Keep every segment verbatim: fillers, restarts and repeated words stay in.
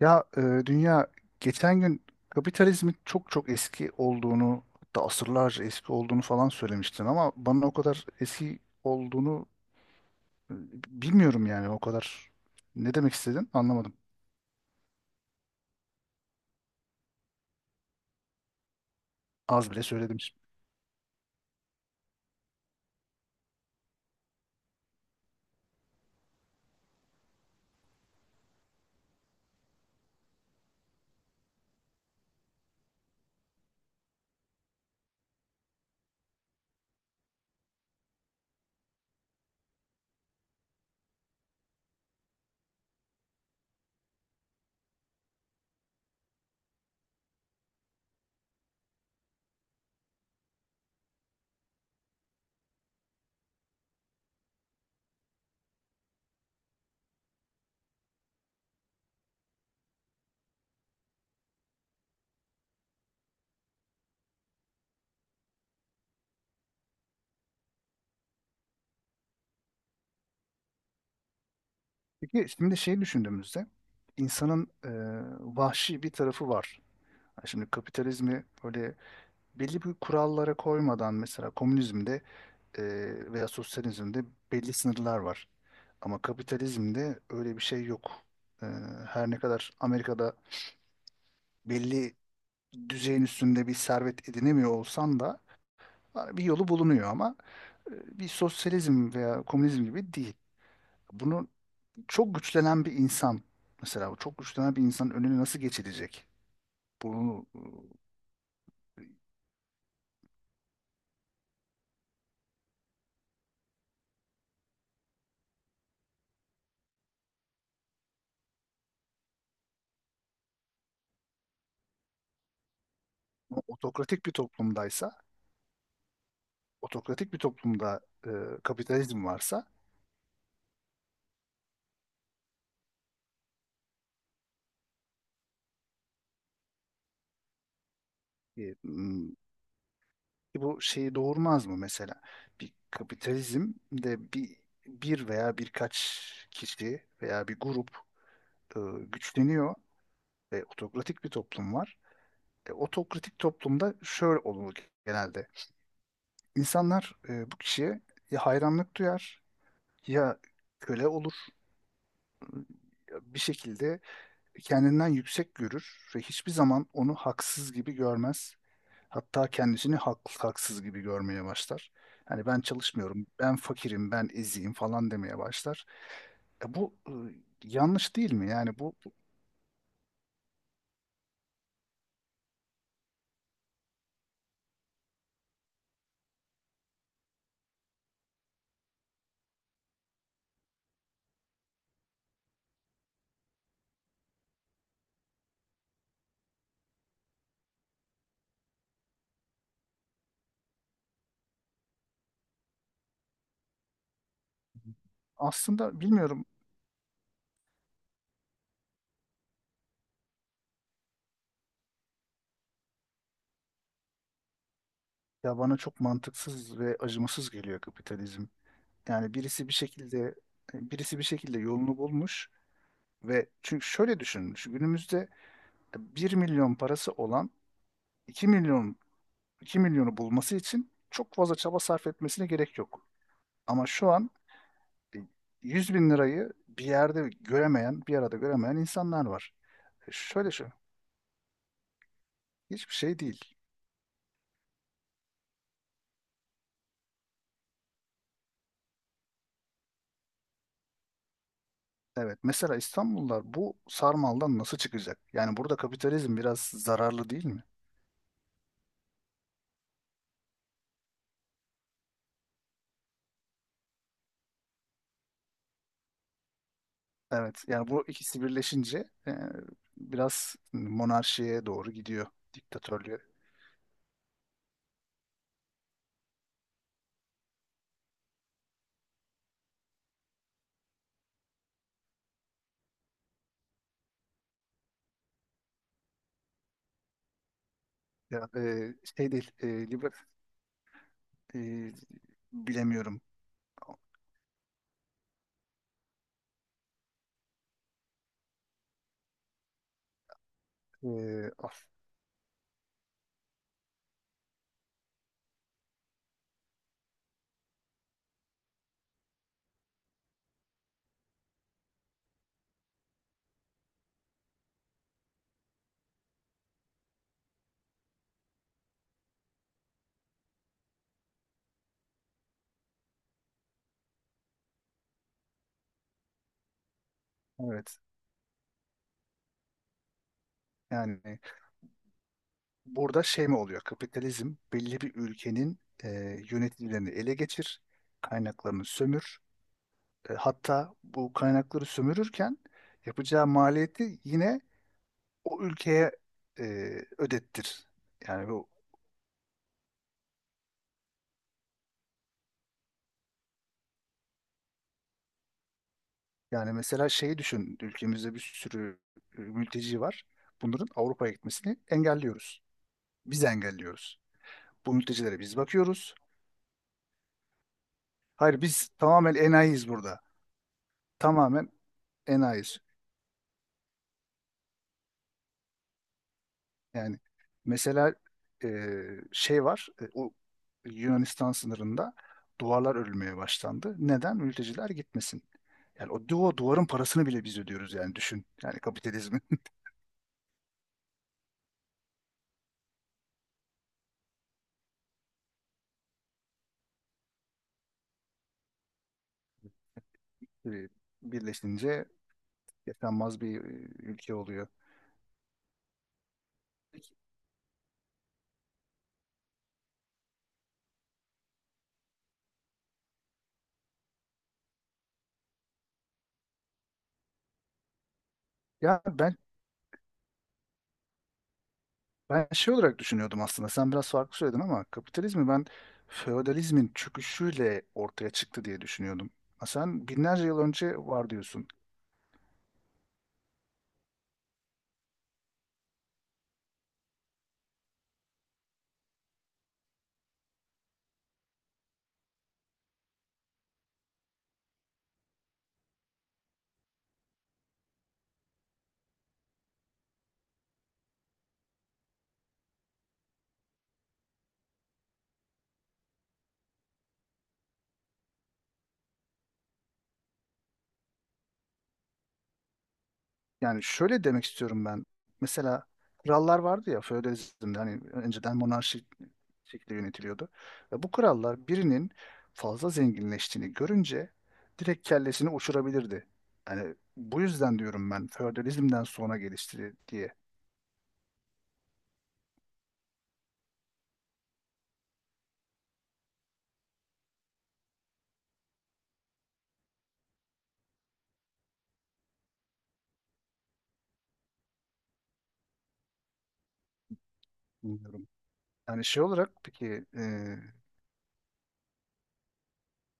Ya e, dünya geçen gün kapitalizmin çok çok eski olduğunu hatta asırlarca eski olduğunu falan söylemiştin ama bana o kadar eski olduğunu e, bilmiyorum yani o kadar ne demek istedin anlamadım. Az bile söyledim şimdi. Peki şimdi şey düşündüğümüzde insanın e, vahşi bir tarafı var. Ha, şimdi kapitalizmi böyle belli bir kurallara koymadan, mesela komünizmde e, veya sosyalizmde belli sınırlar var. Ama kapitalizmde öyle bir şey yok. E, her ne kadar Amerika'da belli düzeyin üstünde bir servet edinemiyor olsan da bir yolu bulunuyor ama e, bir sosyalizm veya komünizm gibi değil. Bunu çok güçlenen bir insan, mesela bu çok güçlenen bir insanın önüne nasıl geçilecek? Bunu e, otokratik bir toplumdaysa, otokratik bir toplumda e, kapitalizm varsa, e, E bu şeyi doğurmaz mı mesela? Bir kapitalizm de bir bir veya birkaç kişi veya bir grup e, güçleniyor ve otokratik bir toplum var. E, otokratik toplumda şöyle olur genelde. İnsanlar e, bu kişiye ya hayranlık duyar, ya köle olur, ya bir şekilde kendinden yüksek görür ve hiçbir zaman onu haksız gibi görmez. Hatta kendisini haklı haksız gibi görmeye başlar. Hani ben çalışmıyorum, ben fakirim, ben eziyim falan demeye başlar. E bu e, yanlış değil mi? Yani bu bu aslında bilmiyorum, ya bana çok mantıksız ve acımasız geliyor kapitalizm. Yani birisi bir şekilde, e, birisi bir şekilde yolunu bulmuş ve çünkü şöyle düşünün. Şu günümüzde bir milyon parası olan iki milyon, iki milyonu bulması için çok fazla çaba sarf etmesine gerek yok. Ama şu an e, yüz bin lirayı bir yerde göremeyen, bir arada göremeyen insanlar var. E, Şöyle şu, hiçbir şey değil. Evet, mesela İstanbullular bu sarmaldan nasıl çıkacak? Yani burada kapitalizm biraz zararlı değil mi? Evet, yani bu ikisi birleşince e, biraz monarşiye doğru gidiyor, diktatörlüğe. Ya, e, şey değil, e, liber, e, bilemiyorum. E, af- evet, yani burada şey mi oluyor? Kapitalizm belli bir ülkenin e, yöneticilerini ele geçir, kaynaklarını sömür. E, hatta bu kaynakları sömürürken yapacağı maliyeti yine o ülkeye e, ödettir. Yani bu yani mesela şeyi düşün, ülkemizde bir sürü e, mülteci var. Bunların Avrupa'ya gitmesini engelliyoruz. Biz engelliyoruz. Bu mültecilere biz bakıyoruz. Hayır, biz tamamen enayiyiz burada. Tamamen enayi. Yani mesela e, şey var, e, o Yunanistan sınırında duvarlar örülmeye başlandı. Neden? Mülteciler gitmesin. Yani o duva duvarın parasını bile biz ödüyoruz, yani düşün. Yani kapitalizmin e, birleşince yaşanmaz bir e, ülke oluyor. Ya ben ben şey olarak düşünüyordum aslında. Sen biraz farklı söyledin ama kapitalizmi ben feodalizmin çöküşüyle ortaya çıktı diye düşünüyordum. Ha, sen binlerce yıl önce var diyorsun. Yani şöyle demek istiyorum ben. Mesela krallar vardı ya, feodalizmde, hani önceden monarşi şekilde yönetiliyordu. Ve bu krallar birinin fazla zenginleştiğini görünce direkt kellesini uçurabilirdi. Yani bu yüzden diyorum ben feodalizmden sonra gelişti diye. Bilmiyorum. Yani şey olarak peki e,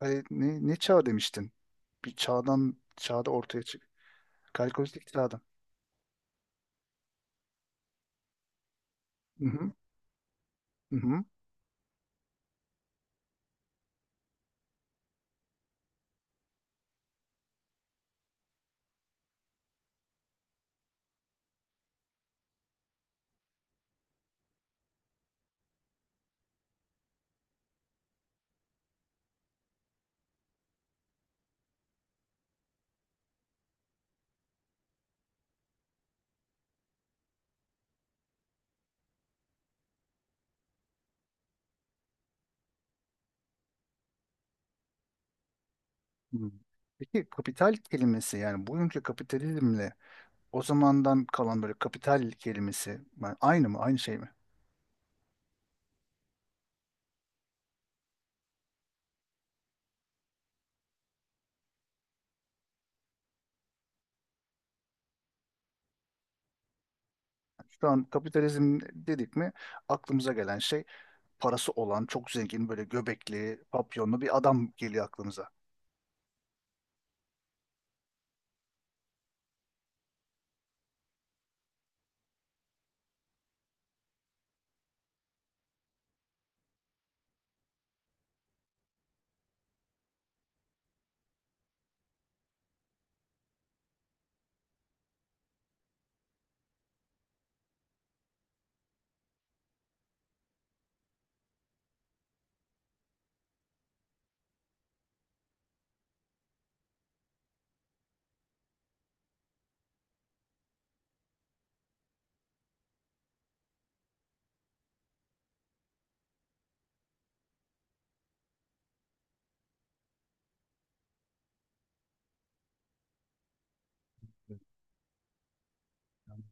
hani ne, ne çağ demiştin? Bir çağdan çağda ortaya çık. Kalkolitik çağdan. Hı hı, hı hı. Hı. Peki kapital kelimesi yani bugünkü kapitalizmle, o zamandan kalan böyle kapital kelimesi yani aynı mı, aynı şey mi? Şu an kapitalizm dedik mi aklımıza gelen şey, parası olan çok zengin böyle göbekli papyonlu bir adam geliyor aklımıza.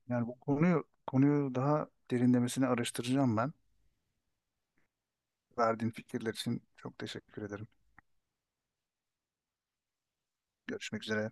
Yani bu konuyu konuyu daha derinlemesine araştıracağım ben. Verdiğin fikirler için çok teşekkür ederim. Görüşmek üzere.